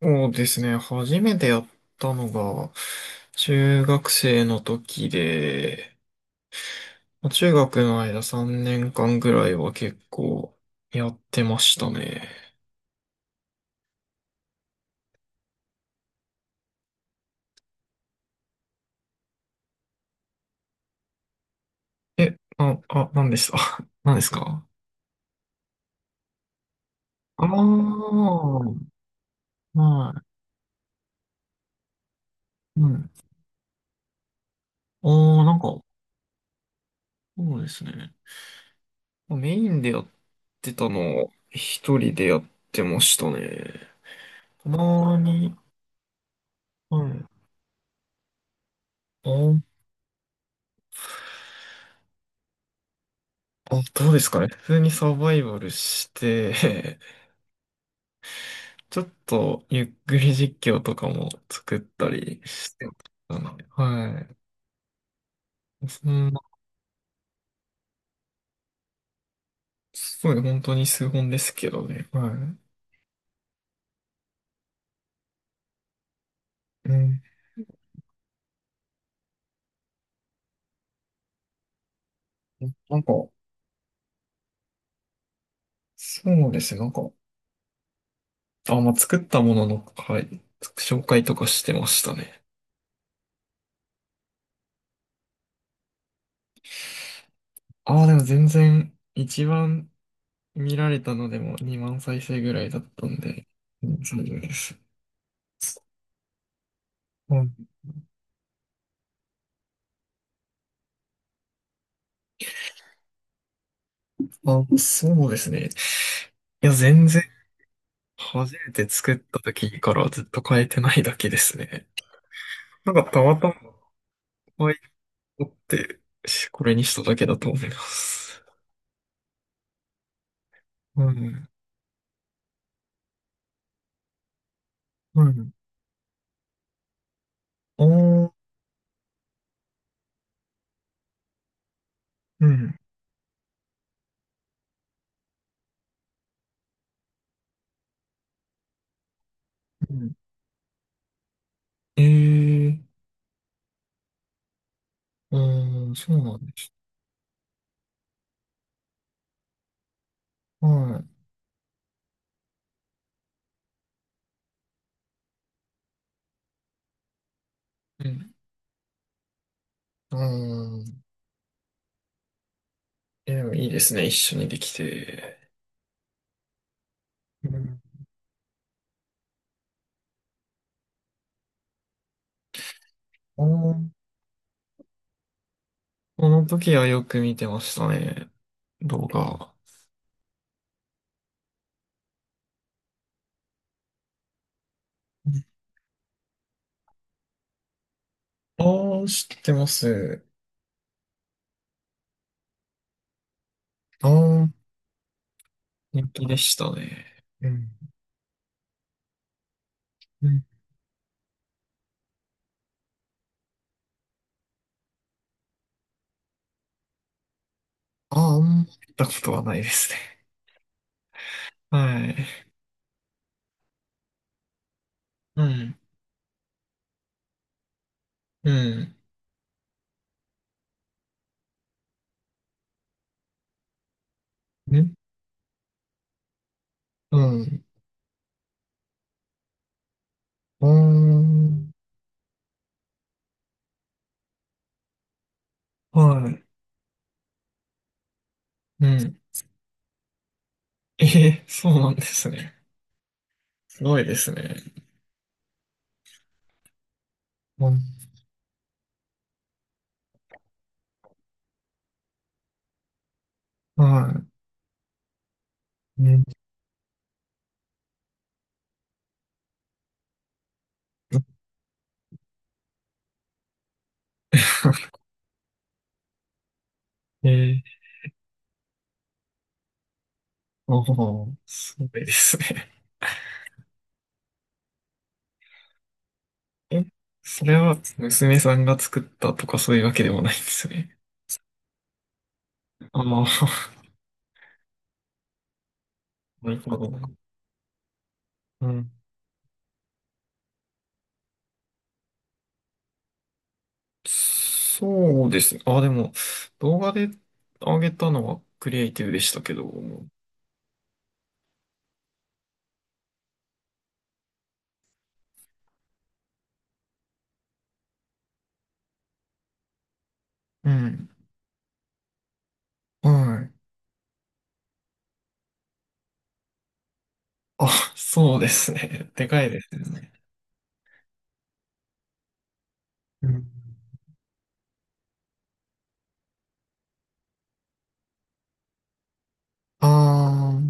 そうですね。初めてやったのが、中学生の時で、中学の間3年間ぐらいは結構やってましたね。え、あ、あ、何でした 何ですか。ああー、はい。うん。ああ、なんか、そうですね。メインでやってたのを一人でやってましたね。たまに、はい。あーどうですかね。普通にサバイバルして、ちょっとゆっくり実況とかも作ったりしてた。なはい。そんな、すごい本当に数本ですけどね、はい。うん。なんか、そうですね、なんか、作ったものの、はい、紹介とかしてましたね。でも全然、一番見られたのでも2万再生ぐらいだったんで、うん、そうです。うん。あ、そうですね。いや、全然初めて作った時からずっと変えてないだけですね。なんかたまたま可愛いと思って、しこれにしただけだと思います。うん。うん。おー、うん。うん。えー、うん、そうなんです。はい。うん。うん。え、でもいいですね。一緒にできて。うん。おー、この時はよく見てましたね。動画。うん。あー、知ってます。あー、人気でしたね。うん。うん。ああ、行ったことはないですね。はい。うん。うん。ん。うん。うん。うーん。はい。うん。えー、そうなんですね。すごいですね。うん。はい。うん。ええ、おー、すごいですね。え、それは娘さんが作ったとかそういうわけでもないんですね。ああ、なるほど。うん。そうですね。あ、でも、動画で上げたのはクリエイティブでしたけども。うん。はい。あ、そうですね。でかいですよね。うん。ああ、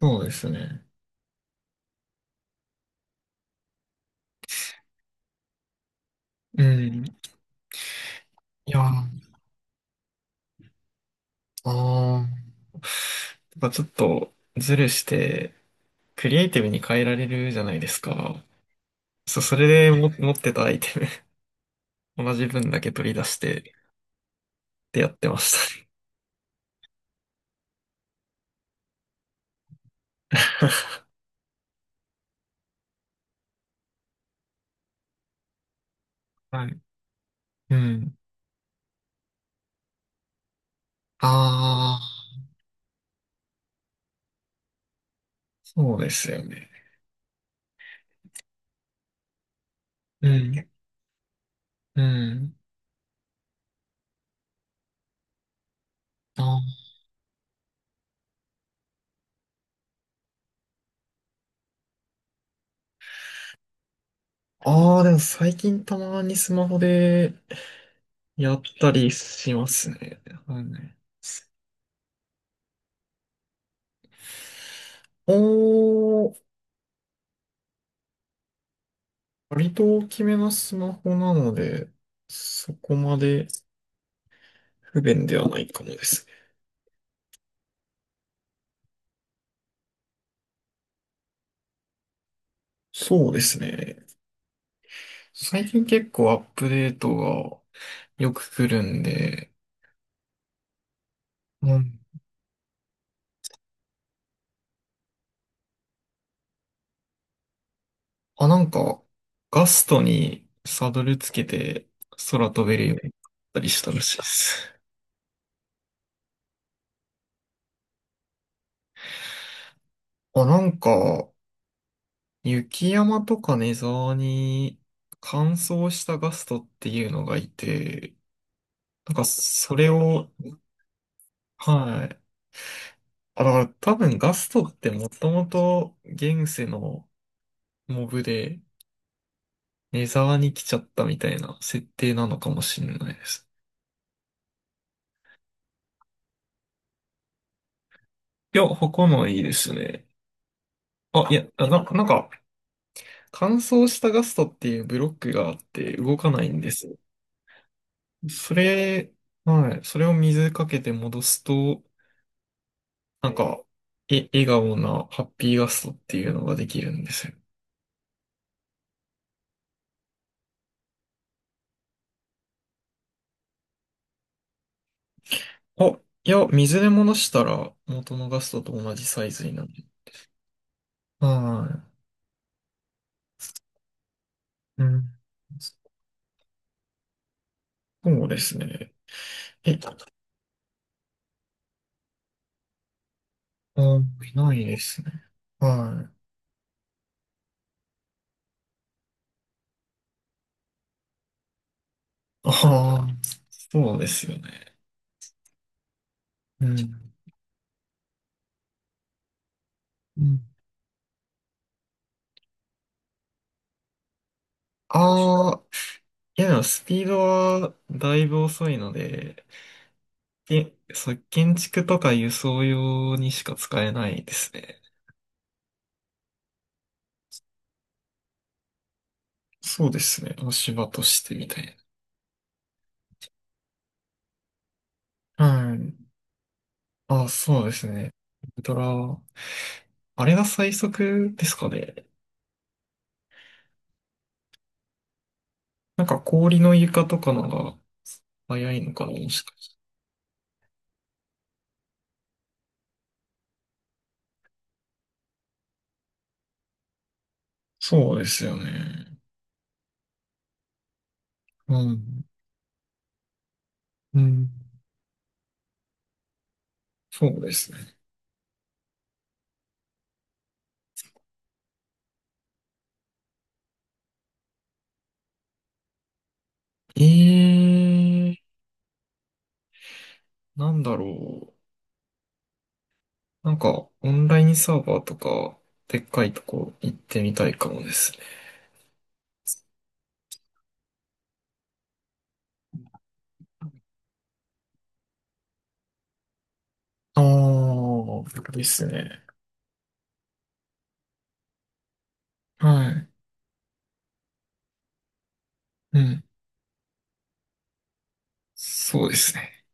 そうですね。うん。いや、ああ、やっぱちょっとズルして、クリエイティブに変えられるじゃないですか。そう、それでも持ってたアイテム、同じ分だけ取り出して、ってやってましたね。はい。うん。ああ、そうですよね。うん。うん。あー、あー、でも最近たまにスマホで、やったりしますね。はいね。おー、割と大きめなスマホなので、そこまで不便ではないかもですね。そうですね。最近結構アップデートがよく来るんで、うん。あ、なんか、ガストにサドルつけて空飛べるようになったりしたらしいです。あ、なんか、雪山とかネザーに乾燥したガストっていうのがいて、なんかそれを、はい。あ、だから多分ガストってもともと現世のモブでネザーに来ちゃったみたいな設定なのかもしれないです。いや、他のいいですね。なんか乾燥したガストっていうブロックがあって動かないんですよ。それ、はい。それを水かけて戻すと、なんか、笑顔なハッピーガストっていうのができるんですよ。あ、いや、水で戻したら元のガストと同じサイズになる。はい。うん。そうですね。え、あ、いないですね。はい。ああ、そうですよね。うん。うん。ああ、いやでもスピードはだいぶ遅いので、け、そう建築とか輸送用にしか使えないですね。そうですね。足場としてみたいな。はい。あ、そうですね。ウルトラ、あれが最速ですかね。なんか氷の床とかのが早いのかな、もしかして。そうですよね。うん。うん。そうですね。ええー、なんだろう。なんか、オンラインサーバーとか、でっかいとこ行ってみたいかもですね。ああ、ですね。はい。うん。そうですね。